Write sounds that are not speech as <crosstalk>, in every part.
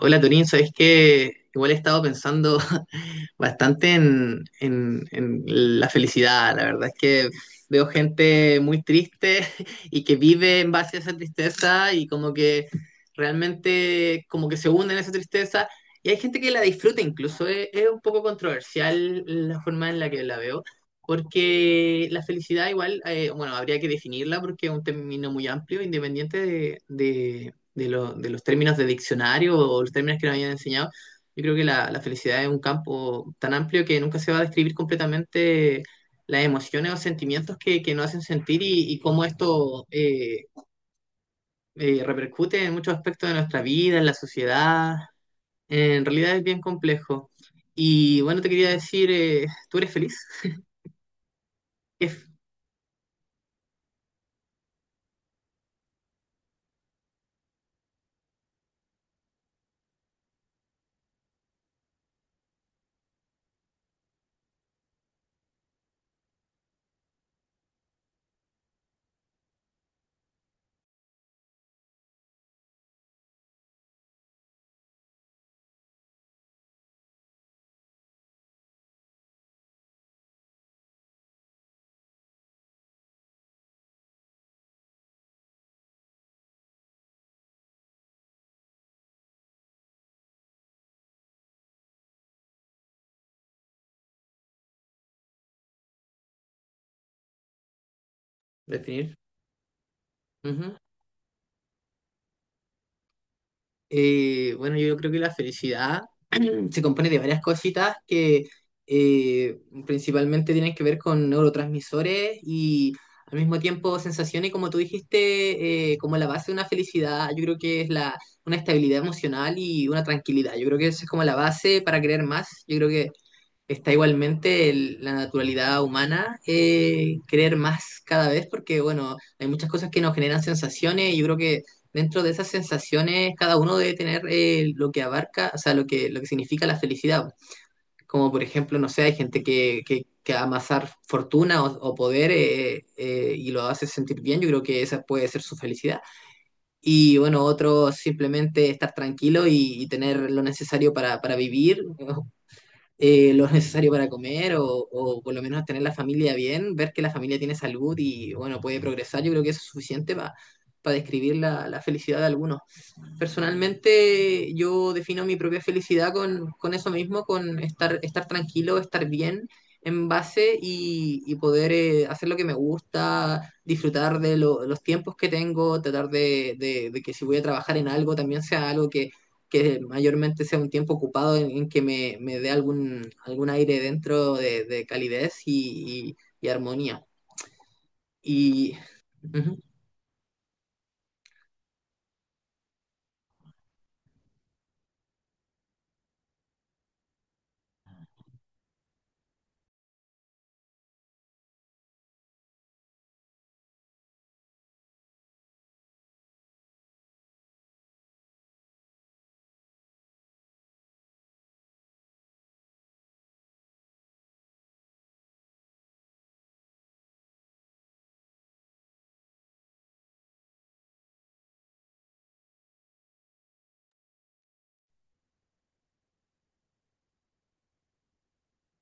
Hola Torín, ¿sabes qué? Igual he estado pensando <laughs> bastante en la felicidad. La verdad es que veo gente muy triste <laughs> y que vive en base a esa tristeza y como que realmente como que se hunde en esa tristeza. Y hay gente que la disfruta incluso. Es un poco controversial la forma en la que la veo. Porque la felicidad igual, bueno, habría que definirla porque es un término muy amplio, independiente de los términos de diccionario o los términos que nos hayan enseñado. Yo creo que la felicidad es un campo tan amplio que nunca se va a describir completamente las emociones o sentimientos que nos hacen sentir y cómo esto repercute en muchos aspectos de nuestra vida, en la sociedad. En realidad es bien complejo. Y bueno, te quería decir, ¿tú eres feliz? ¿Qué es definir? Ujú. Bueno, yo creo que la felicidad <clears throat> se compone de varias cositas que eh, principalmente tienen que ver con neurotransmisores y al mismo tiempo sensaciones, como tú dijiste, como la base de una felicidad, yo creo que es una estabilidad emocional y una tranquilidad. Yo creo que eso es como la base para creer más. Yo creo que está igualmente la naturalidad humana, creer más cada vez porque, bueno, hay muchas cosas que nos generan sensaciones y yo creo que dentro de esas sensaciones cada uno debe tener, lo que abarca, o sea, lo que significa la felicidad. Como por ejemplo, no sé, hay gente que amasar fortuna o poder, y lo hace sentir bien, yo creo que esa puede ser su felicidad. Y bueno, otro simplemente estar tranquilo y tener lo necesario para vivir, lo necesario para comer o por lo menos tener la familia bien, ver que la familia tiene salud y bueno, puede progresar, yo creo que eso es suficiente para describir la felicidad de algunos. Personalmente yo defino mi propia felicidad con eso mismo, con estar tranquilo, estar bien en base y poder, hacer lo que me gusta, disfrutar de los tiempos que tengo, tratar de que si voy a trabajar en algo también sea algo que mayormente sea un tiempo ocupado en que me dé algún, algún aire dentro de calidez y, y armonía. Y... ujú,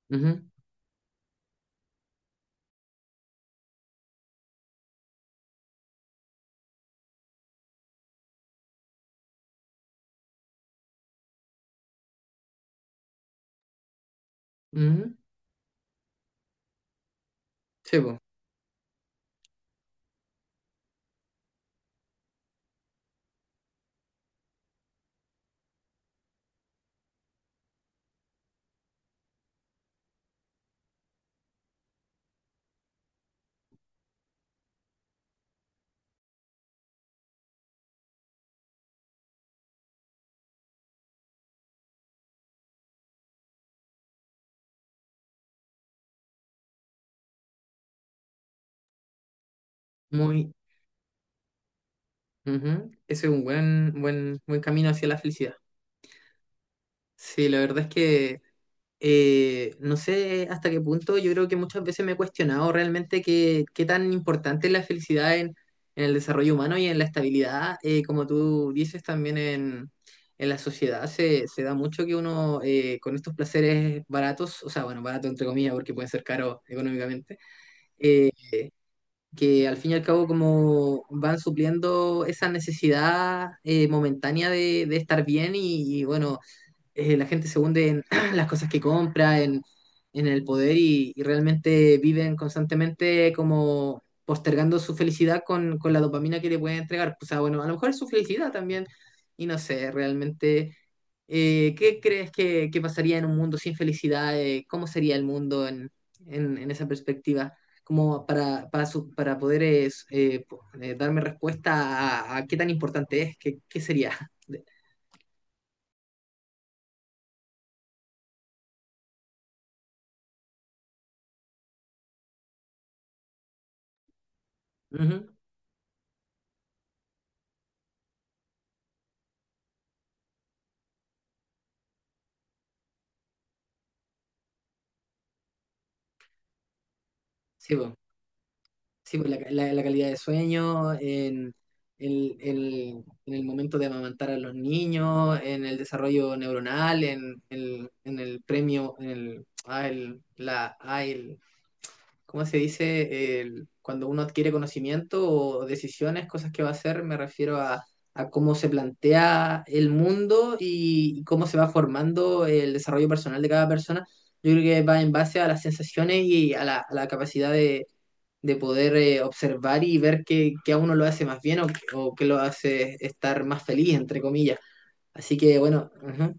ujú, ujú. Sí, po, muy, ujú. Ese es un buen, buen, buen camino hacia la felicidad. Sí, la verdad es que no sé hasta qué punto, yo creo que muchas veces me he cuestionado realmente qué, qué tan importante es la felicidad en el desarrollo humano y en la estabilidad, como tú dices también en la sociedad, se da mucho que uno, con estos placeres baratos, o sea, bueno, barato entre comillas porque pueden ser caros económicamente, eh, que al fin y al cabo como van supliendo esa necesidad, momentánea de estar bien y, bueno, la gente se hunde en <clears throat> las cosas que compra, en el poder y realmente viven constantemente como postergando su felicidad con la dopamina que le pueden entregar. O sea, bueno, a lo mejor es su felicidad también y no sé, realmente, ¿qué crees que pasaría en un mundo sin felicidad? ¿Cómo sería el mundo en esa perspectiva? Como para poder darme respuesta a qué tan importante es, qué, qué sería. <laughs> Ujú, sí, po. Sí, pues la calidad de sueño, en en el momento de amamantar a los niños, en el desarrollo neuronal, en el premio, en el, ah, el- la, ah, el- ¿cómo se dice? Cuando uno adquiere conocimiento o decisiones, cosas que va a hacer, me refiero a cómo se plantea el mundo y cómo se va formando el desarrollo personal de cada persona. Yo creo que va en base a las sensaciones y a la capacidad de poder, observar y ver qué, qué a uno lo hace más bien o qué lo hace estar más feliz, entre comillas. Así que bueno, ujú.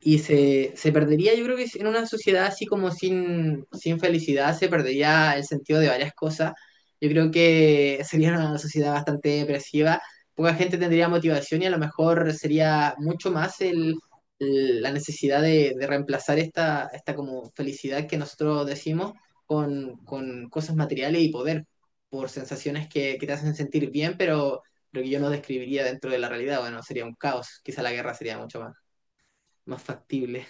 Y se perdería, yo creo que en una sociedad así como sin, sin felicidad, se perdería el sentido de varias cosas. Yo creo que sería una sociedad bastante depresiva, poca gente tendría motivación y a lo mejor sería mucho más la necesidad de reemplazar esta, esta como felicidad que nosotros decimos con cosas materiales y poder, por sensaciones que te hacen sentir bien, pero lo que yo no describiría dentro de la realidad, bueno, sería un caos, quizá la guerra sería mucho más, más factible.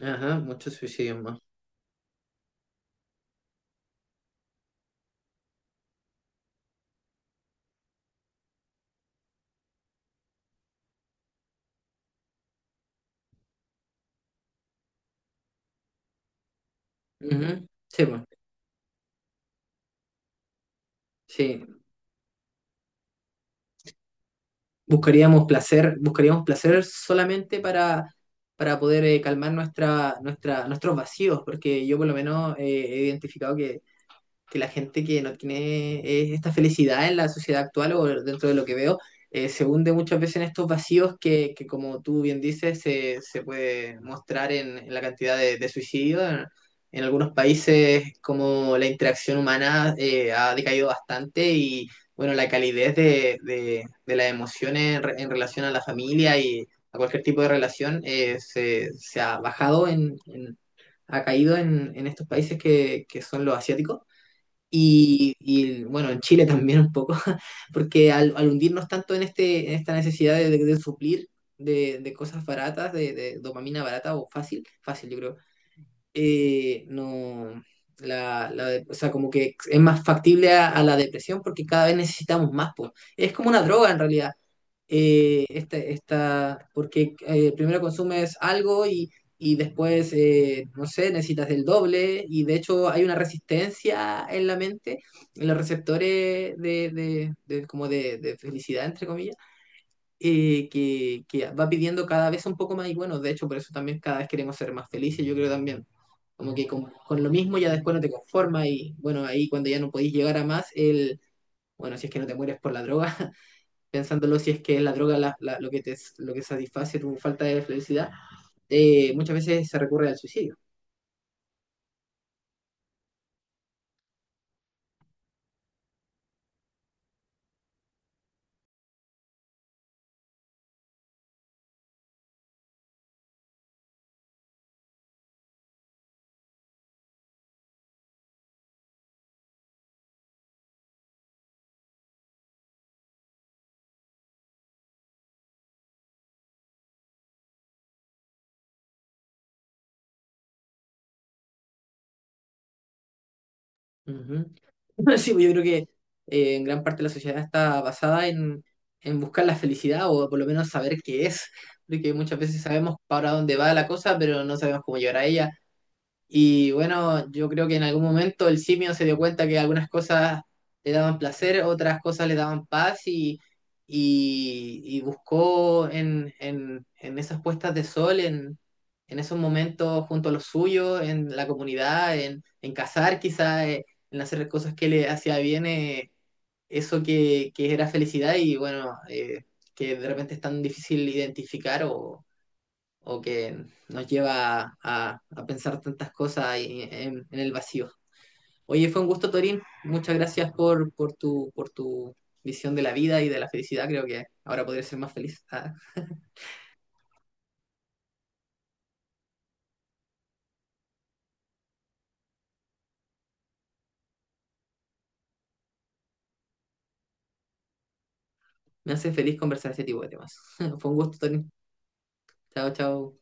Ajá, muchos suicidios más. Ujú, sí, pues, sí. Buscaríamos placer solamente para poder, calmar nuestros vacíos, porque yo por lo menos, he identificado que la gente que no tiene, esta felicidad en la sociedad actual o dentro de lo que veo, se hunde muchas veces en estos vacíos que como tú bien dices, se puede mostrar en la cantidad de suicidios. En algunos países como la interacción humana, ha decaído bastante y bueno, la calidez de las emociones en, en relación a la familia y a cualquier tipo de relación, se ha bajado, ha caído en estos países que son los asiáticos. Y, bueno, en Chile también un poco, <laughs> porque al, al hundirnos tanto en, este, en esta necesidad de suplir de cosas baratas, de dopamina barata o fácil, fácil yo creo, no, o sea, como que es más factible a la depresión porque cada vez necesitamos más, pues. Es como una droga en realidad, porque, primero consumes algo y después, no sé, necesitas del doble y de hecho hay una resistencia en la mente, en los receptores como de felicidad, entre comillas, que va pidiendo cada vez un poco más y bueno, de hecho por eso también cada vez queremos ser más felices, yo creo también. Como que con lo mismo ya después no te conformas y bueno, ahí cuando ya no podís llegar a más, el, bueno, si es que no te mueres por la droga, pensándolo si es que la droga lo que te, lo que satisface tu falta de felicidad, muchas veces se recurre al suicidio. Ujú. <laughs> Sí, pues yo creo que, en gran parte la sociedad está basada en buscar la felicidad o por lo menos saber qué es, porque muchas veces sabemos para dónde va la cosa, pero no sabemos cómo llegar a ella. Y bueno, yo creo que en algún momento el simio se dio cuenta que algunas cosas le daban placer, otras cosas le daban paz y buscó en esas puestas de sol, en esos momentos junto a los suyos, en la comunidad, en cazar quizá, en hacer cosas que le hacía bien, eso que era felicidad y bueno, que de repente es tan difícil identificar o que nos lleva a pensar tantas cosas ahí en el vacío. Oye, fue un gusto, Torín. Muchas gracias por tu visión de la vida y de la felicidad. Creo que ahora podría ser más feliz. Ah, me hace feliz conversar este tipo de temas. <laughs> Fue un gusto, Torín. Chao, chao.